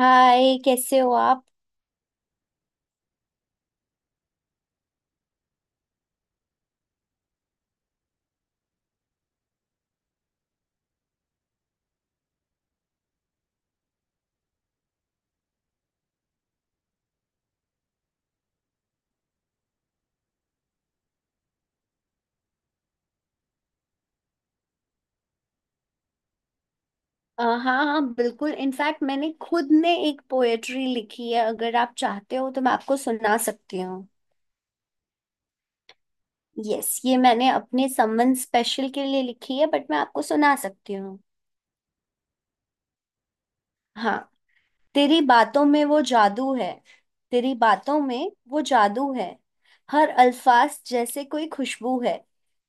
हाय, कैसे हो आप। हाँ हाँ बिल्कुल। इनफैक्ट मैंने खुद ने एक पोएट्री लिखी है। अगर आप चाहते हो तो मैं आपको सुना सकती हूँ। यस, ये मैंने अपने समवन स्पेशल के लिए लिखी है, बट मैं आपको सुना सकती हूँ। हाँ। तेरी बातों में वो जादू है, तेरी बातों में वो जादू है, हर अल्फाज जैसे कोई खुशबू है।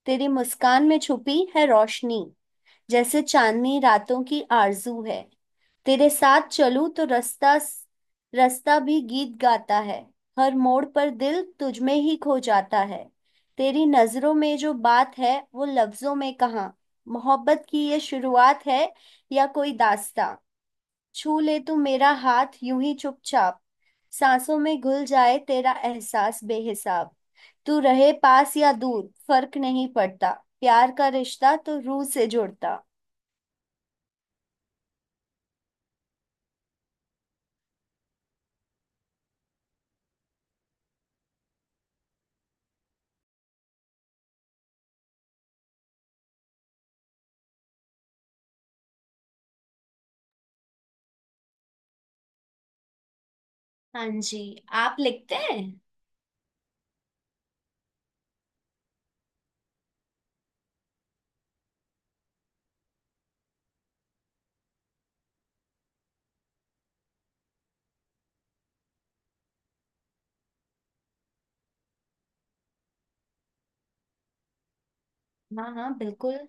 तेरी मुस्कान में छुपी है रोशनी, जैसे चांदनी रातों की आरजू है। तेरे साथ चलूं तो रास्ता, रास्ता भी गीत गाता है, हर मोड़ पर दिल तुझ में ही खो जाता है। तेरी नजरों में जो बात है वो लफ्जों में कहाँ, मोहब्बत की ये शुरुआत है या कोई दास्तां। छू ले तू मेरा हाथ यूं ही चुपचाप, सांसों में घुल जाए तेरा एहसास बेहिसाब। तू रहे पास या दूर फर्क नहीं पड़ता, प्यार का रिश्ता तो रूह से जुड़ता। हाँ जी, आप लिखते हैं? हाँ हाँ बिल्कुल।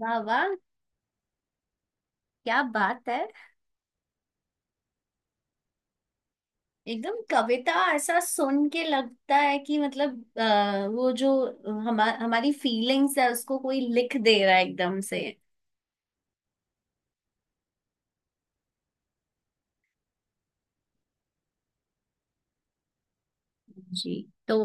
वाह वाह, क्या बात है। एकदम कविता ऐसा सुन के लगता है कि मतलब वो जो हमारी फीलिंग्स है उसको कोई लिख दे रहा है एकदम से। जी। तो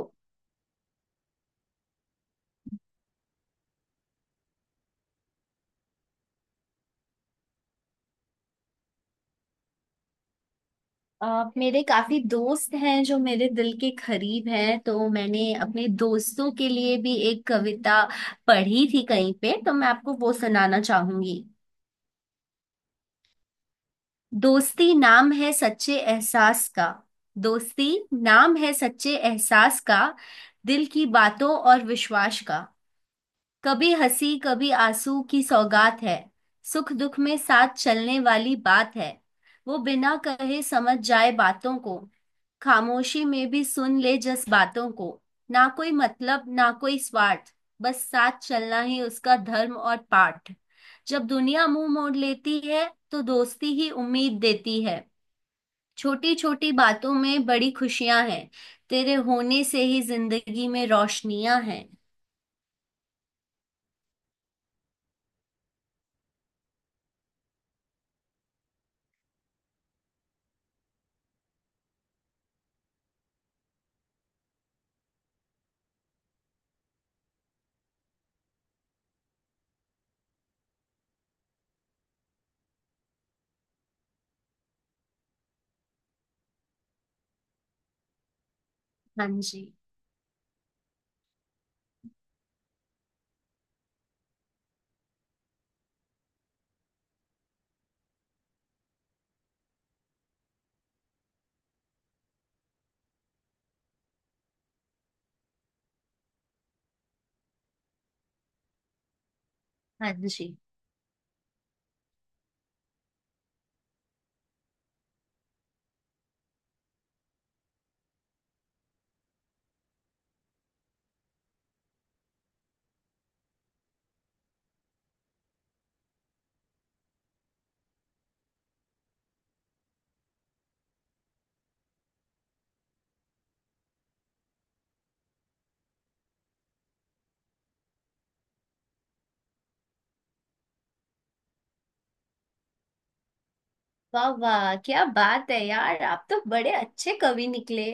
मेरे काफी दोस्त हैं जो मेरे दिल के करीब हैं, तो मैंने अपने दोस्तों के लिए भी एक कविता पढ़ी थी कहीं पे, तो मैं आपको वो सुनाना चाहूंगी। दोस्ती नाम है सच्चे एहसास का, दोस्ती नाम है सच्चे एहसास का, दिल की बातों और विश्वास का। कभी हंसी कभी आंसू की सौगात है, सुख दुख में साथ चलने वाली बात है। वो बिना कहे समझ जाए बातों को, खामोशी में भी सुन ले जस बातों को। ना कोई मतलब ना कोई स्वार्थ, बस साथ चलना ही उसका धर्म और पाठ। जब दुनिया मुंह मोड़ लेती है तो दोस्ती ही उम्मीद देती है। छोटी छोटी बातों में बड़ी खुशियां हैं, तेरे होने से ही जिंदगी में रोशनियां हैं। हाँ जी। हाँ जी। वाह वाह, क्या बात है यार, आप तो बड़े अच्छे कवि निकले।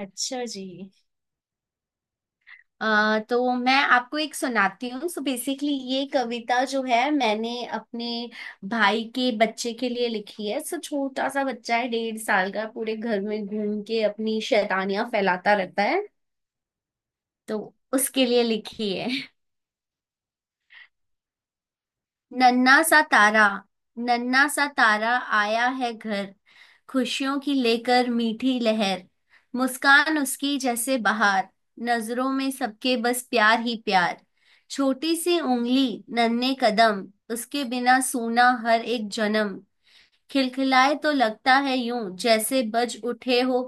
अच्छा जी। तो मैं आपको एक सुनाती हूँ। सो बेसिकली ये कविता जो है मैंने अपने भाई के बच्चे के लिए लिखी है। सो छोटा सा बच्चा है, 1.5 साल का, पूरे घर में घूम के अपनी शैतानियां फैलाता रहता है, तो उसके लिए लिखी है। नन्ना सा तारा, नन्ना सा तारा आया है घर, खुशियों की लेकर मीठी लहर। मुस्कान उसकी जैसे बहार, नजरों में सबके बस प्यार ही प्यार। छोटी सी उंगली नन्हे कदम, उसके बिना सूना हर एक जन्म। खिलखिलाए तो लगता है यूं जैसे बज उठे हो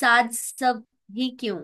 साज सब ही क्यों।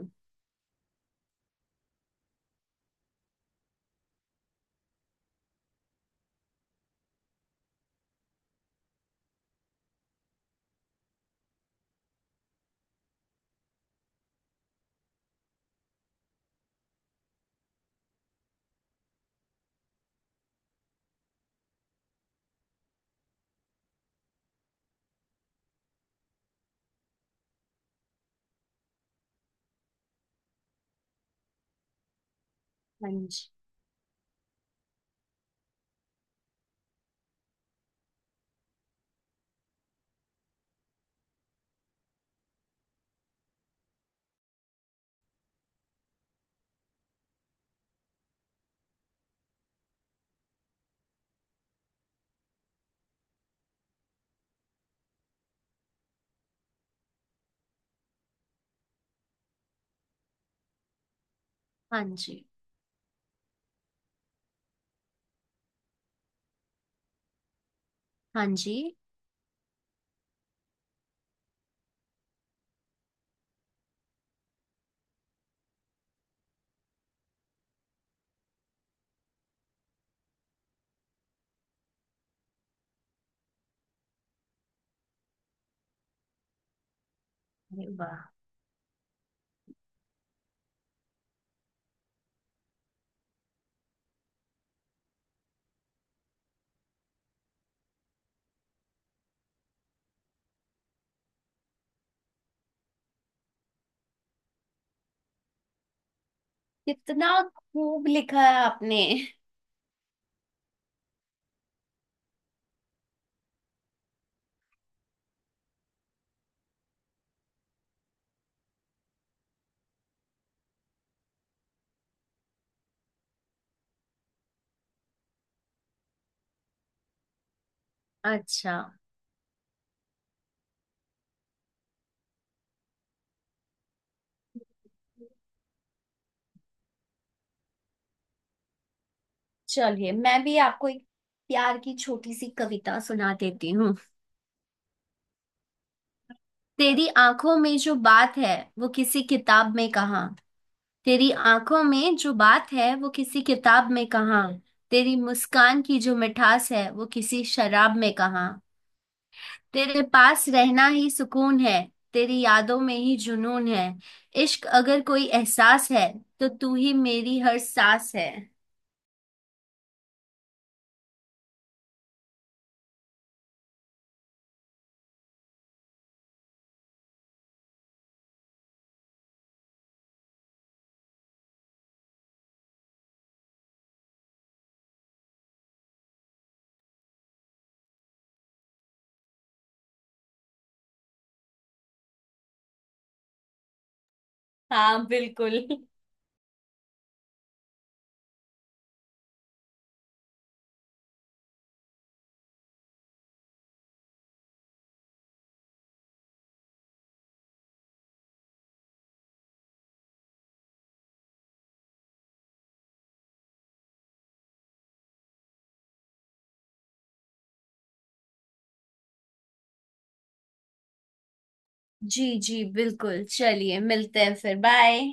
हाँ जी। हाँ जी। हाँ जी। अरे वाह, कितना खूब लिखा है आपने। अच्छा, चलिए मैं भी आपको एक प्यार की छोटी सी कविता सुना देती हूँ। तेरी आंखों में जो बात है वो किसी किताब में कहाँ, तेरी आंखों में जो बात है वो किसी किताब में कहाँ, तेरी मुस्कान की जो मिठास है वो किसी शराब में कहाँ। तेरे पास रहना ही सुकून है, तेरी यादों में ही जुनून है। इश्क अगर कोई एहसास है तो तू ही मेरी हर सांस है। हाँ बिल्कुल। जी जी बिल्कुल, चलिए मिलते हैं फिर, बाय।